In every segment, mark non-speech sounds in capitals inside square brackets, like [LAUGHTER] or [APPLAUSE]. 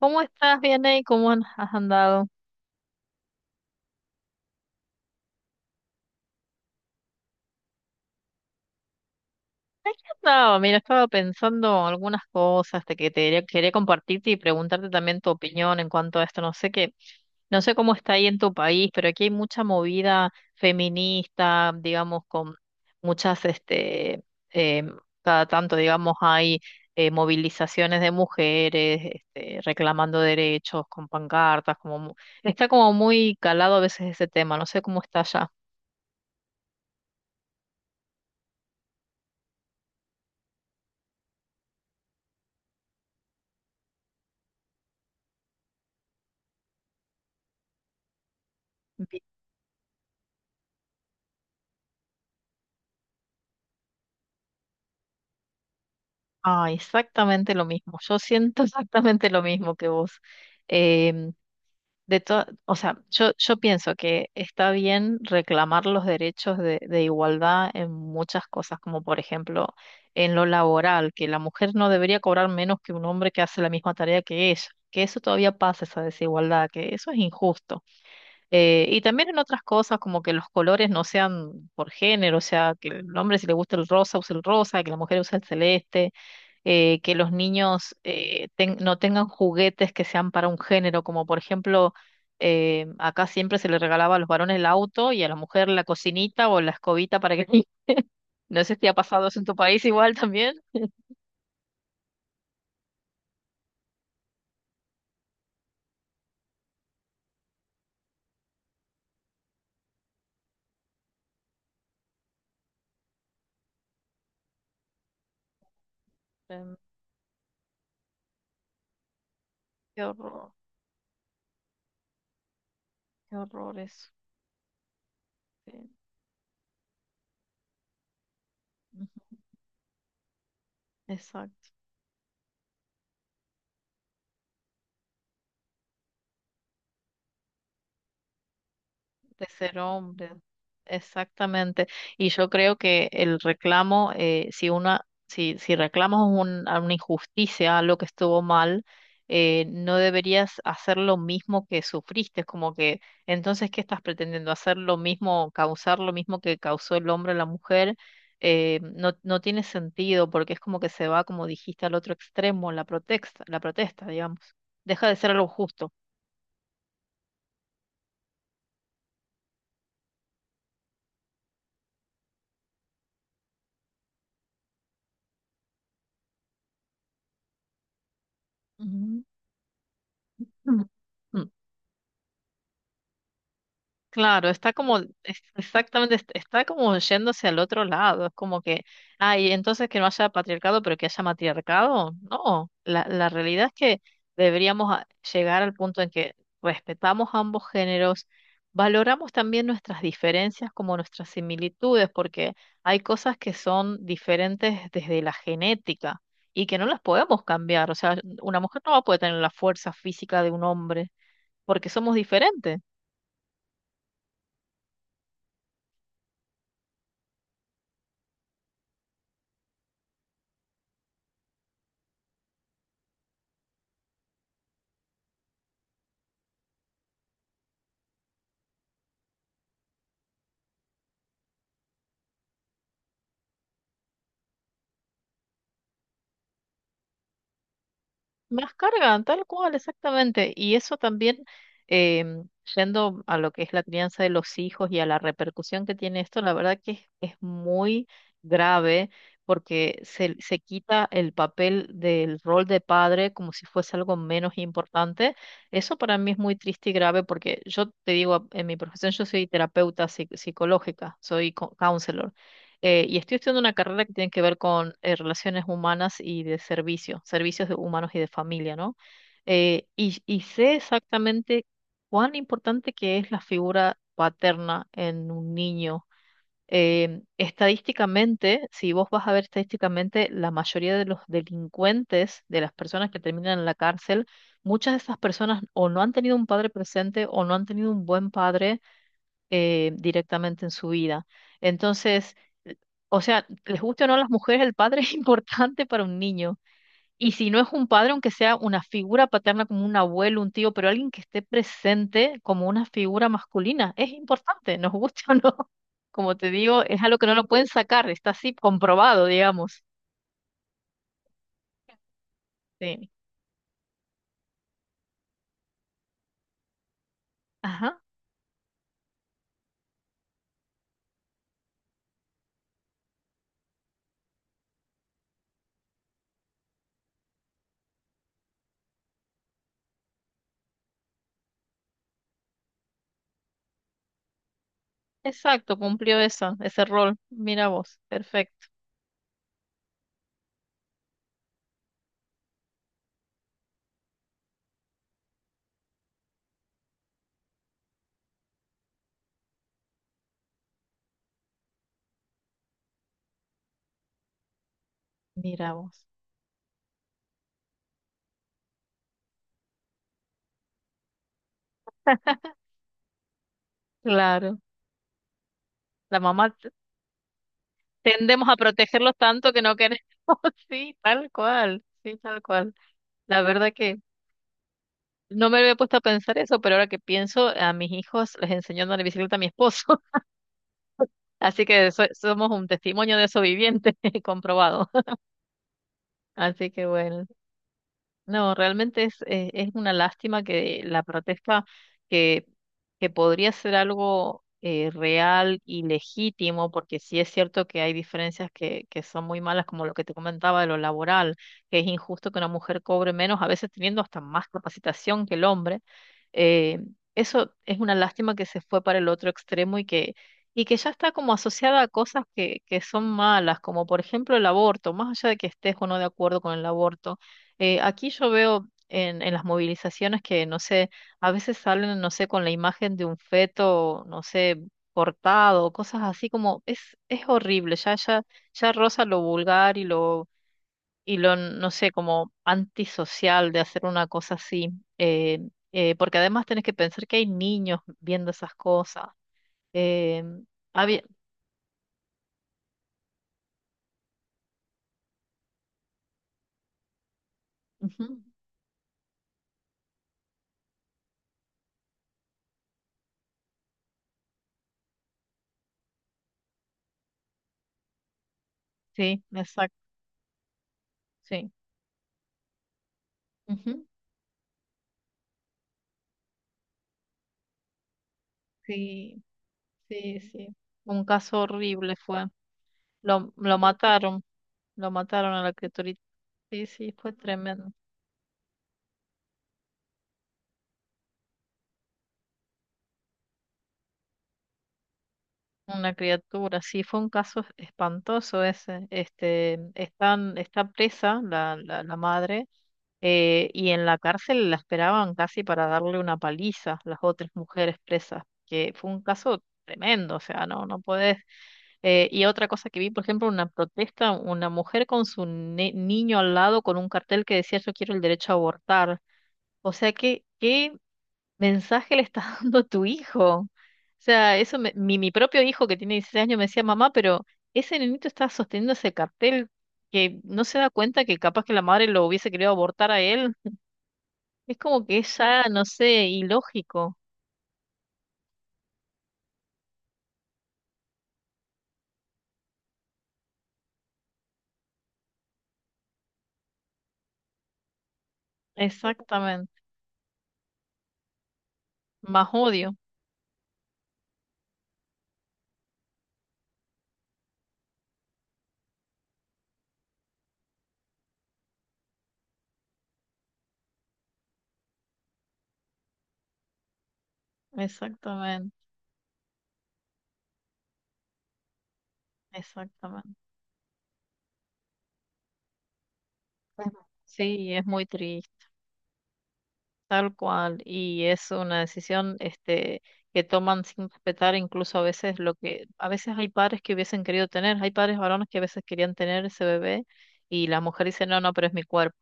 ¿Cómo estás? Bien ahí, ¿cómo has andado? Aquí andaba, mira, estaba pensando algunas cosas de que te quería compartirte y preguntarte también tu opinión en cuanto a esto. No sé cómo está ahí en tu país, pero aquí hay mucha movida feminista, digamos, con muchas, este, em, cada tanto, digamos, hay movilizaciones de mujeres, este, reclamando derechos con pancartas, está como muy calado a veces ese tema. No sé cómo está allá. Ah, exactamente lo mismo. Yo siento [LAUGHS] exactamente lo mismo que vos. Em, de to- o sea, yo pienso que está bien reclamar los derechos de igualdad en muchas cosas, como por ejemplo en lo laboral, que la mujer no debería cobrar menos que un hombre que hace la misma tarea que ella, que eso todavía pasa, esa desigualdad, que eso es injusto. Y también en otras cosas, como que los colores no sean por género, o sea, que el hombre si le gusta el rosa use el rosa, que la mujer use el celeste que los niños no tengan juguetes que sean para un género, como por ejemplo, acá siempre se le regalaba a los varones el auto y a la mujer la cocinita o la escobita para que… [LAUGHS] No sé si ha pasado eso en tu país igual también. Em, Qué horror, qué horror eso. Sí, ujú, exacto. De ser hombre, exactamente. Y yo creo que el reclamo, si reclamas a una injusticia, algo que estuvo mal, no deberías hacer lo mismo que sufriste. Es como que, entonces, ¿qué estás pretendiendo? ¿Hacer lo mismo, causar lo mismo que causó el hombre a la mujer? No tiene sentido porque es como que se va, como dijiste, al otro extremo, la protesta, digamos. Deja de ser algo justo. Ujú. Mm. Claro, está como, exactamente, está como yéndose al otro lado, es como que, ay, entonces que no haya patriarcado, pero que haya matriarcado. No, la realidad es que deberíamos llegar al punto en que respetamos ambos géneros, valoramos también nuestras diferencias como nuestras similitudes, porque hay cosas que son diferentes desde la genética y que no las podemos cambiar, o sea, una mujer no va a poder tener la fuerza física de un hombre porque somos diferentes. Más carga tal cual, exactamente. Em, yendo a lo que es la crianza de los hijos y a la repercusión que tiene esto, la verdad que es muy grave porque se quita el papel del rol de padre como si fuese algo menos importante. Eso para mí es muy triste y grave porque yo te digo, en mi profesión yo soy terapeuta psicológica, soy counselor y estoy estudiando una carrera que tiene que ver con relaciones humanas y de servicio, servicios de humanos y de familia, ¿no? Y sé exactamente cuán importante que es la figura paterna en un niño. Estadísticamente, si vos vas a ver estadísticamente, la mayoría de los delincuentes, de las personas que terminan en la cárcel, muchas de esas personas o no han tenido un padre presente o no han tenido un buen padre directamente en su vida. Entonces, l- o sea, les guste o no a las mujeres, el padre [LAUGHS] es importante para un niño. Y si no es un padre, aunque sea una figura paterna como un abuelo, un tío, pero alguien que esté presente como una figura masculina, es importante, nos guste [LAUGHS] o no. Como te digo, es algo que no lo pueden sacar, está así comprobado, digamos. Sí. Ajá, exacto, cumplió eso, ese rol. Mira vos, perfecto. Mira vos. Claro. La mamá tendemos a protegerlos tanto que no queremos. [LAUGHS] Sí, tal cual, sí, tal cual. La verdad que no me había puesto a pensar eso, pero ahora que pienso, a mis hijos les enseñó a andar en bicicleta a mi esposo, [LAUGHS] así que somos un testimonio de eso viviente, [LAUGHS] comprobado. [LAUGHS] Así que bueno. No, realmente es una lástima que la protesta, que, que podría ser algo real y legítimo, porque sí es cierto que hay diferencias que son muy malas, como lo que te comentaba de lo laboral, que es injusto que una mujer cobre menos, a veces teniendo hasta más capacitación que el hombre. Eh, Eso es una lástima que se fue para el otro extremo y que ya está como asociada a cosas que son malas, como por ejemplo el aborto, más allá de que estés o no de acuerdo con el aborto. Aquí yo veo en las movilizaciones que, no sé, a veces salen, no sé, con la imagen de un feto, no sé, cortado, cosas así es horrible, ya roza lo vulgar y lo, no sé, como antisocial de hacer una cosa así. eh, Porque además tenés que pensar que hay niños viendo esas cosas. Eh, había, Ujú, sí, exacto, sí. Ujú, sí, sí, sí. Un caso horrible fue. Lo mataron, lo mataron a la criaturita. Sí, sí, fue tremendo. Una criatura, sí, fue un caso espantoso ese. Está presa la madre y en la cárcel la esperaban casi para darle una paliza las otras mujeres presas, que fue un caso tremendo, o sea, no podés. Y otra cosa que vi, por ejemplo, una protesta, una mujer con su niño al lado con un cartel que decía yo quiero el derecho a abortar. O sea, que, qué mensaje le está [LAUGHS] dando tu hijo. O sea, mi propio hijo que tiene 16 años me decía, mamá, pero ese nenito está sosteniendo ese cartel que no se da cuenta que capaz que la madre lo hubiese querido abortar a él. Es como que es ya, no sé, ilógico. Exactamente. Más odio. Exactamente. Exactamente. Es- Sí, es muy triste. Tal cual, y es una decisión este, que toman sin respetar incluso a veces lo que, a veces hay padres que hubiesen querido tener, hay padres varones que a veces querían tener ese bebé y la mujer dice, no, pero es mi cuerpo.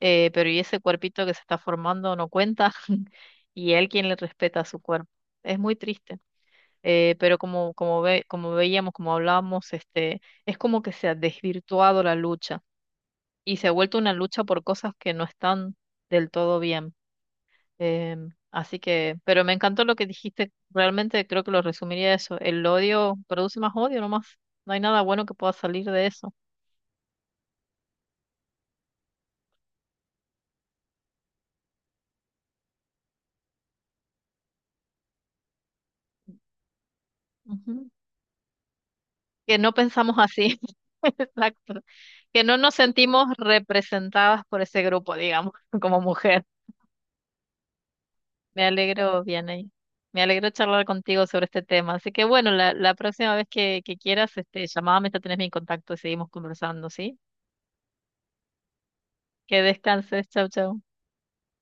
Pero ¿y ese cuerpito que se está formando no cuenta? [LAUGHS] ¿Y él quien le respeta su cuerpo? Es muy triste. Como veíamos, como hablábamos, este, es como que se ha desvirtuado la lucha y se ha vuelto una lucha por cosas que no están del todo bien. Así que, pero me encantó lo que dijiste. Realmente creo que lo resumiría eso. El odio produce más odio nomás. No hay nada bueno que pueda salir de eso. Ujú. Que no pensamos así. [LAUGHS] Exacto. Que no nos sentimos representadas por ese grupo, digamos, [LAUGHS] como mujer. Me alegro, Vianey. Me alegro charlar contigo sobre este tema. Así que bueno, la próxima vez que quieras, este, llamame, ya tenés mi contacto y seguimos conversando, ¿sí? Que descanses. Chau, chau.